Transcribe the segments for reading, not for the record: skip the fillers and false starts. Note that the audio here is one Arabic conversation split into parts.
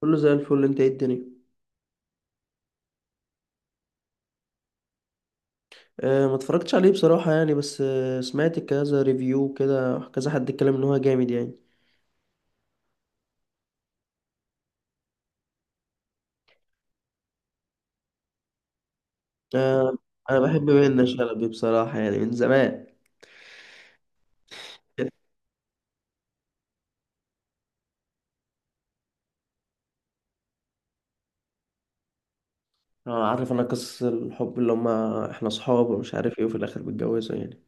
كله زي الفل. انت ايه الدنيا؟ أه، ما اتفرجتش عليه بصراحة يعني، بس سمعت كذا ريفيو كده، كذا حد اتكلم ان هو جامد يعني. أه، انا بحب منة شلبي بصراحة يعني من زمان. اه، عارف، انا قصص الحب اللي هما احنا صحاب ومش عارف ايه وفي الاخر بيتجوزوا يعني.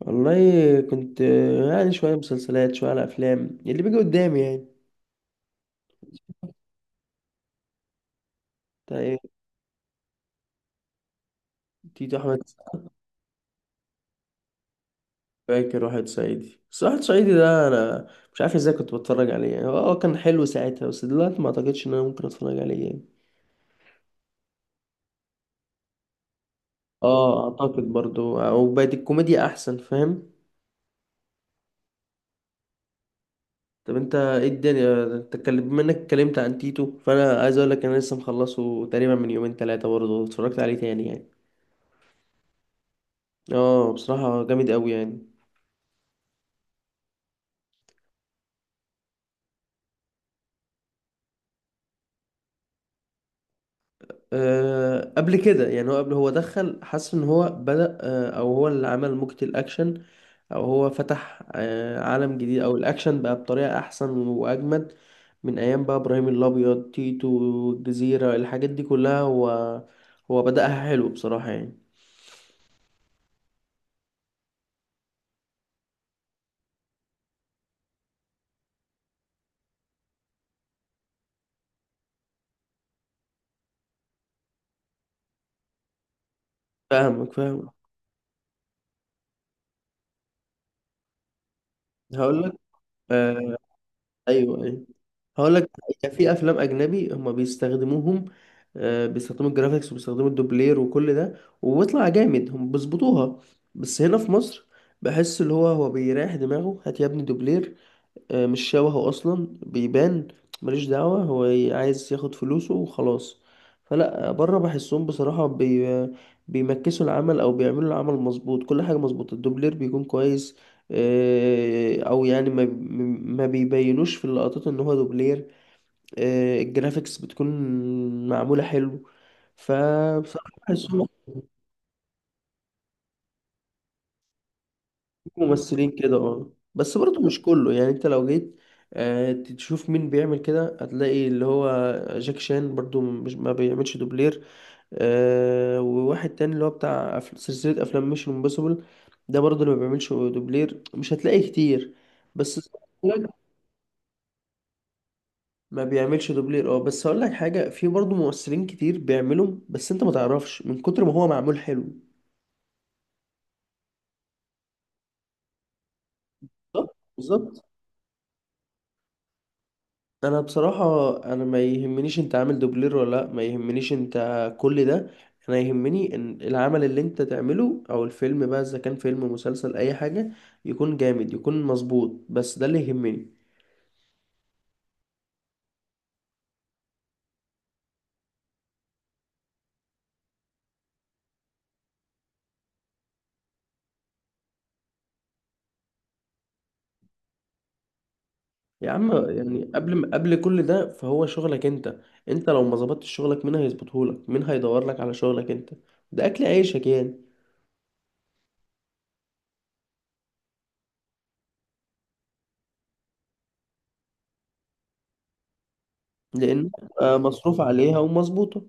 والله كنت يعني شوية مسلسلات، شوية على افلام يعني اللي بيجي قدامي يعني. طيب. تيتو احمد. فاكر واحد صعيدي، بس واحد صعيدي ده انا مش عارف ازاي كنت بتفرج عليه يعني. هو كان حلو ساعتها، بس دلوقتي ما اعتقدش ان انا ممكن اتفرج عليه يعني. اه، اعتقد برضو، او بقت الكوميديا احسن، فاهم؟ طب انت ايه الدنيا؟ بما انك اتكلمت عن تيتو، فانا عايز اقول لك انا لسه مخلصه تقريبا من يومين ثلاثه، برضو اتفرجت عليه تاني يعني. اه، بصراحه جامد قوي يعني. قبل كده يعني، هو قبل هو دخل حس ان هو بدأ، او هو اللي عمل موجة الاكشن، او هو فتح عالم جديد، او الاكشن بقى بطريقة احسن واجمد من ايام بقى ابراهيم الابيض، تيتو، والجزيرة، الحاجات دي كلها هو. هو بدأها حلو بصراحة يعني. فاهمك، فاهمك. هقول لك. آه، ايوه، ايوه. هقول لك، في افلام اجنبي هم بيستخدموهم. بيستخدموا الجرافيكس، وبيستخدموا الدوبلير، وكل ده، وبيطلع جامد، هم بيظبطوها. بس هنا في مصر، بحس اللي هو بيريح دماغه، هات يا ابني دوبلير. مش شبهه اصلا، بيبان. ماليش دعوة، هو عايز ياخد فلوسه وخلاص. فلا، بره بحسهم بصراحة، بيمكسوا العمل، او بيعملوا العمل مظبوط، كل حاجة مظبوطة، الدوبلير بيكون كويس، او يعني، ما بيبينوش في اللقطات ان هو دوبلير. الجرافيكس بتكون معمولة حلو. فبصراحة بحسهم ممثلين كده، اه، بس برضه مش كله يعني. انت لو جيت تشوف مين بيعمل كده، هتلاقي اللي هو جاك شان برضو مش ما بيعملش دوبلير، وواحد تاني اللي هو بتاع سلسلة أفلام ميشن امبوسيبل، ده برضو اللي ما بيعملش دوبلير، مش هتلاقي كتير بس زي ما قلت لك، ما بيعملش دوبلير. اه بس هقول لك حاجة، في برضو ممثلين كتير بيعملهم، بس انت ما تعرفش من كتر ما هو معمول حلو. بالظبط، بالظبط. انا بصراحة، انا ما يهمنيش انت عامل دوبلير ولا لا، ما يهمنيش انت كل ده. انا يهمني ان العمل اللي انت تعمله، او الفيلم بقى، اذا كان فيلم مسلسل اي حاجة، يكون جامد، يكون مظبوط، بس ده اللي يهمني. يا عم يعني، قبل ما قبل كل ده، فهو شغلك انت. انت لو ما ظبطتش شغلك، مين هيظبطهولك؟ مين هيدور لك على شغلك؟ انت، ده اكل عيشك يعني. لان مصروف عليها ومظبوطة.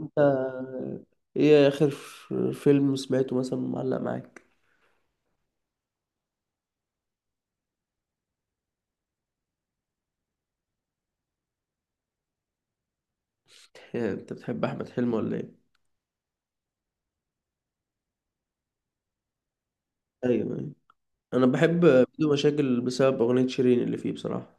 انت، ايه اخر فيلم سمعته مثلا معلق معاك؟ إيه، انت بتحب احمد حلمي ولا ايه؟ ايوه، أيوة. انا بحب بدون مشاكل بسبب اغنيه شيرين اللي فيه بصراحه.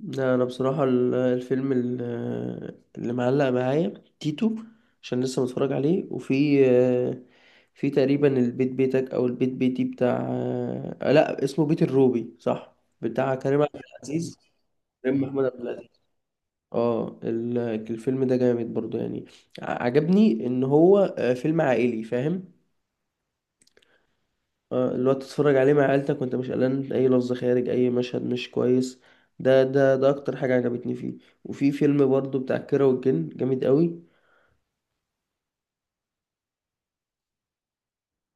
لا، انا بصراحه الفيلم اللي معلق معايا تيتو، عشان لسه متفرج عليه، وفي في تقريبا البيت بيتك او البيت بيتي بتاع، لا، اسمه بيت الروبي، صح، بتاع كريم عبد العزيز. كريم محمود عبد العزيز. اه، الفيلم ده جامد برضو يعني. عجبني ان هو فيلم عائلي، فاهم؟ اللي هو تتفرج عليه مع عيلتك وانت مش قلقان، اي لفظ خارج، اي مشهد مش كويس، ده اكتر حاجة عجبتني فيه. وفي فيلم برضو بتاع كيرة والجن، جامد قوي.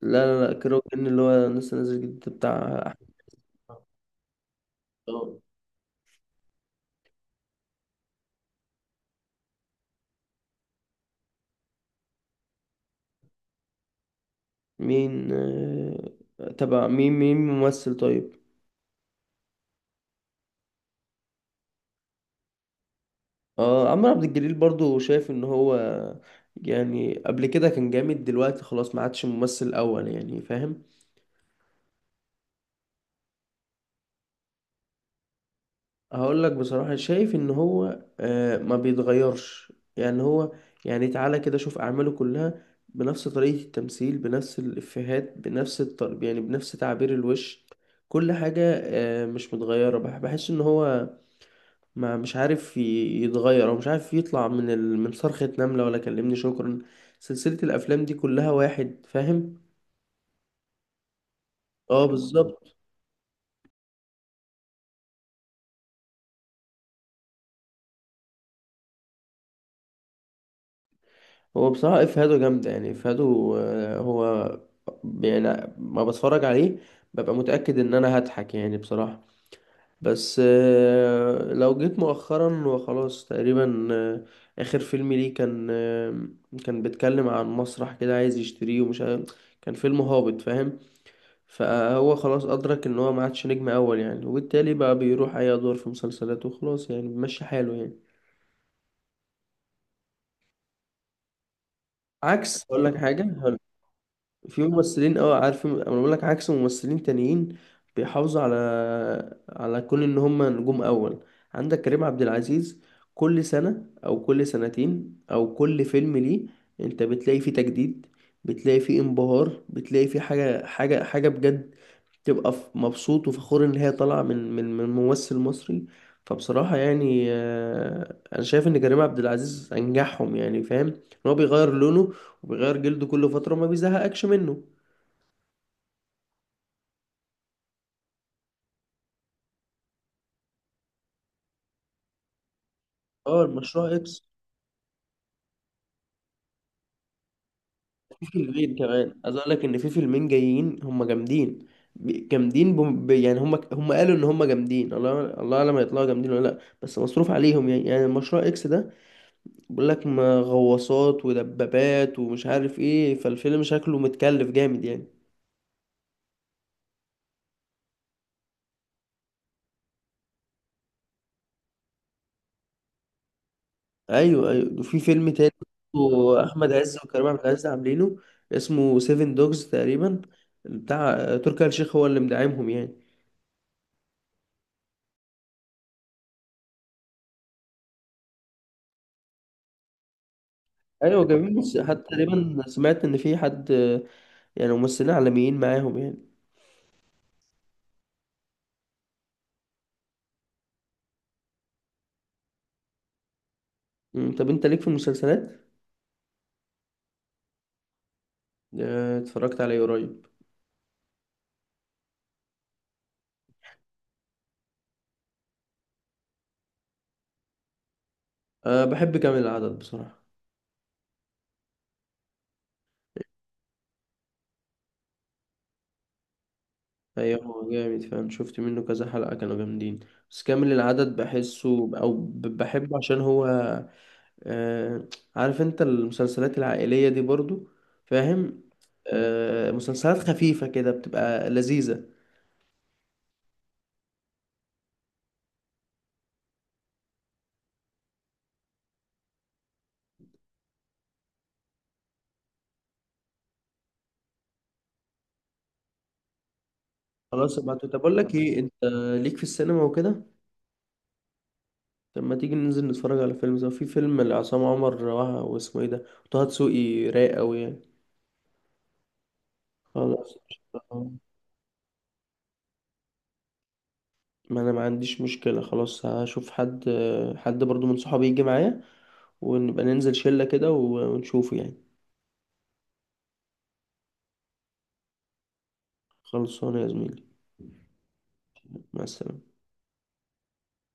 لا، لا، لا، كيرة والجن اللي هو لسه نازل جديد بتاع احمد. آه، مين تبع؟ مين ممثل طيب؟ اه، عمرو عبد الجليل برضو شايف ان هو يعني قبل كده كان جامد، دلوقتي خلاص ما عادش ممثل اول يعني، فاهم؟ هقول لك بصراحة، شايف ان هو ما بيتغيرش يعني. هو يعني، تعالى كده شوف اعماله كلها، بنفس طريقة التمثيل، بنفس الافيهات، بنفس الطرب يعني، بنفس تعبير الوش، كل حاجة مش متغيرة. بحس ان هو ما مش عارف يتغير، او مش عارف يطلع من من صرخة نملة ولا كلمني شكرا، سلسلة الافلام دي كلها واحد، فاهم؟ اه، بالظبط. هو بصراحة إفهاده جامدة يعني، إفهاده هو يعني، ما بتفرج عليه ببقى متأكد إن أنا هضحك يعني بصراحة. بس لو جيت مؤخرا وخلاص تقريبا، آخر فيلم ليه كان كان بيتكلم عن مسرح كده عايز يشتريه ومش عارف، كان فيلم هابط، فاهم؟ فهو خلاص أدرك إن هو ما عادش نجم أول يعني، وبالتالي بقى بيروح أي أدوار في مسلسلات وخلاص يعني، بيمشي حاله يعني. عكس، أقول لك حاجة. في ممثلين، اه، عارف، انا بقول لك عكس، ممثلين تانيين بيحافظوا على كون ان هم نجوم اول. عندك كريم عبد العزيز، كل سنة او كل سنتين او كل فيلم ليه، انت بتلاقي فيه تجديد، بتلاقي فيه انبهار، بتلاقي فيه حاجة، حاجة، حاجة بجد، تبقى مبسوط وفخور ان هي طالعة من ممثل مصري. فبصراحة يعني، انا شايف ان كريم عبد العزيز انجحهم يعني، فاهم ان هو بيغير لونه وبيغير جلده كل فترة، ما بيزهقكش منه. اه، المشروع اكس. في فيلمين كمان عايز اقول لك ان في فيلمين جايين هم جامدين، جامدين يعني، هم قالوا ان هم جامدين، الله الله اعلم هيطلعوا جامدين ولا لا، بس مصروف عليهم يعني المشروع اكس ده، بيقول لك ما غواصات ودبابات ومش عارف ايه، فالفيلم شكله متكلف جامد يعني. ايوه، ايوه، وفي فيلم تاني برضه احمد عز وكريم عبد العزيز عاملينه، اسمه سيفن دوجز تقريبا، بتاع تركي آل الشيخ، هو اللي مدعمهم يعني. ايوه، جميل، بس حتى تقريبا سمعت ان في حد، يعني ممثلين عالميين معاهم يعني. طب انت ليك في المسلسلات اتفرجت عليه قريب؟ أه، بحب كامل العدد بصراحة. ايوه، هو جامد، فاهم، شفت منه كذا حلقة كانوا جامدين، بس كامل العدد بحسه، او بحبه عشان هو أه، عارف انت المسلسلات العائلية دي برضو، فاهم؟ أه، مسلسلات خفيفة كده بتبقى لذيذة. خلاص، ابعته. طب اقول لك ايه، انت ليك في السينما وكده؟ طب ما تيجي ننزل نتفرج على فيلم سوا، في فيلم لعصام عمر واسمه ايه ده، وطه دسوقي، رايق قوي يعني. خلاص، قشطة. ما انا ما عنديش مشكلة، خلاص هشوف حد برضو من صحابي يجي معايا، ونبقى ننزل شلة كده ونشوفه يعني. خلصانه يا زميلي. مع السلامة.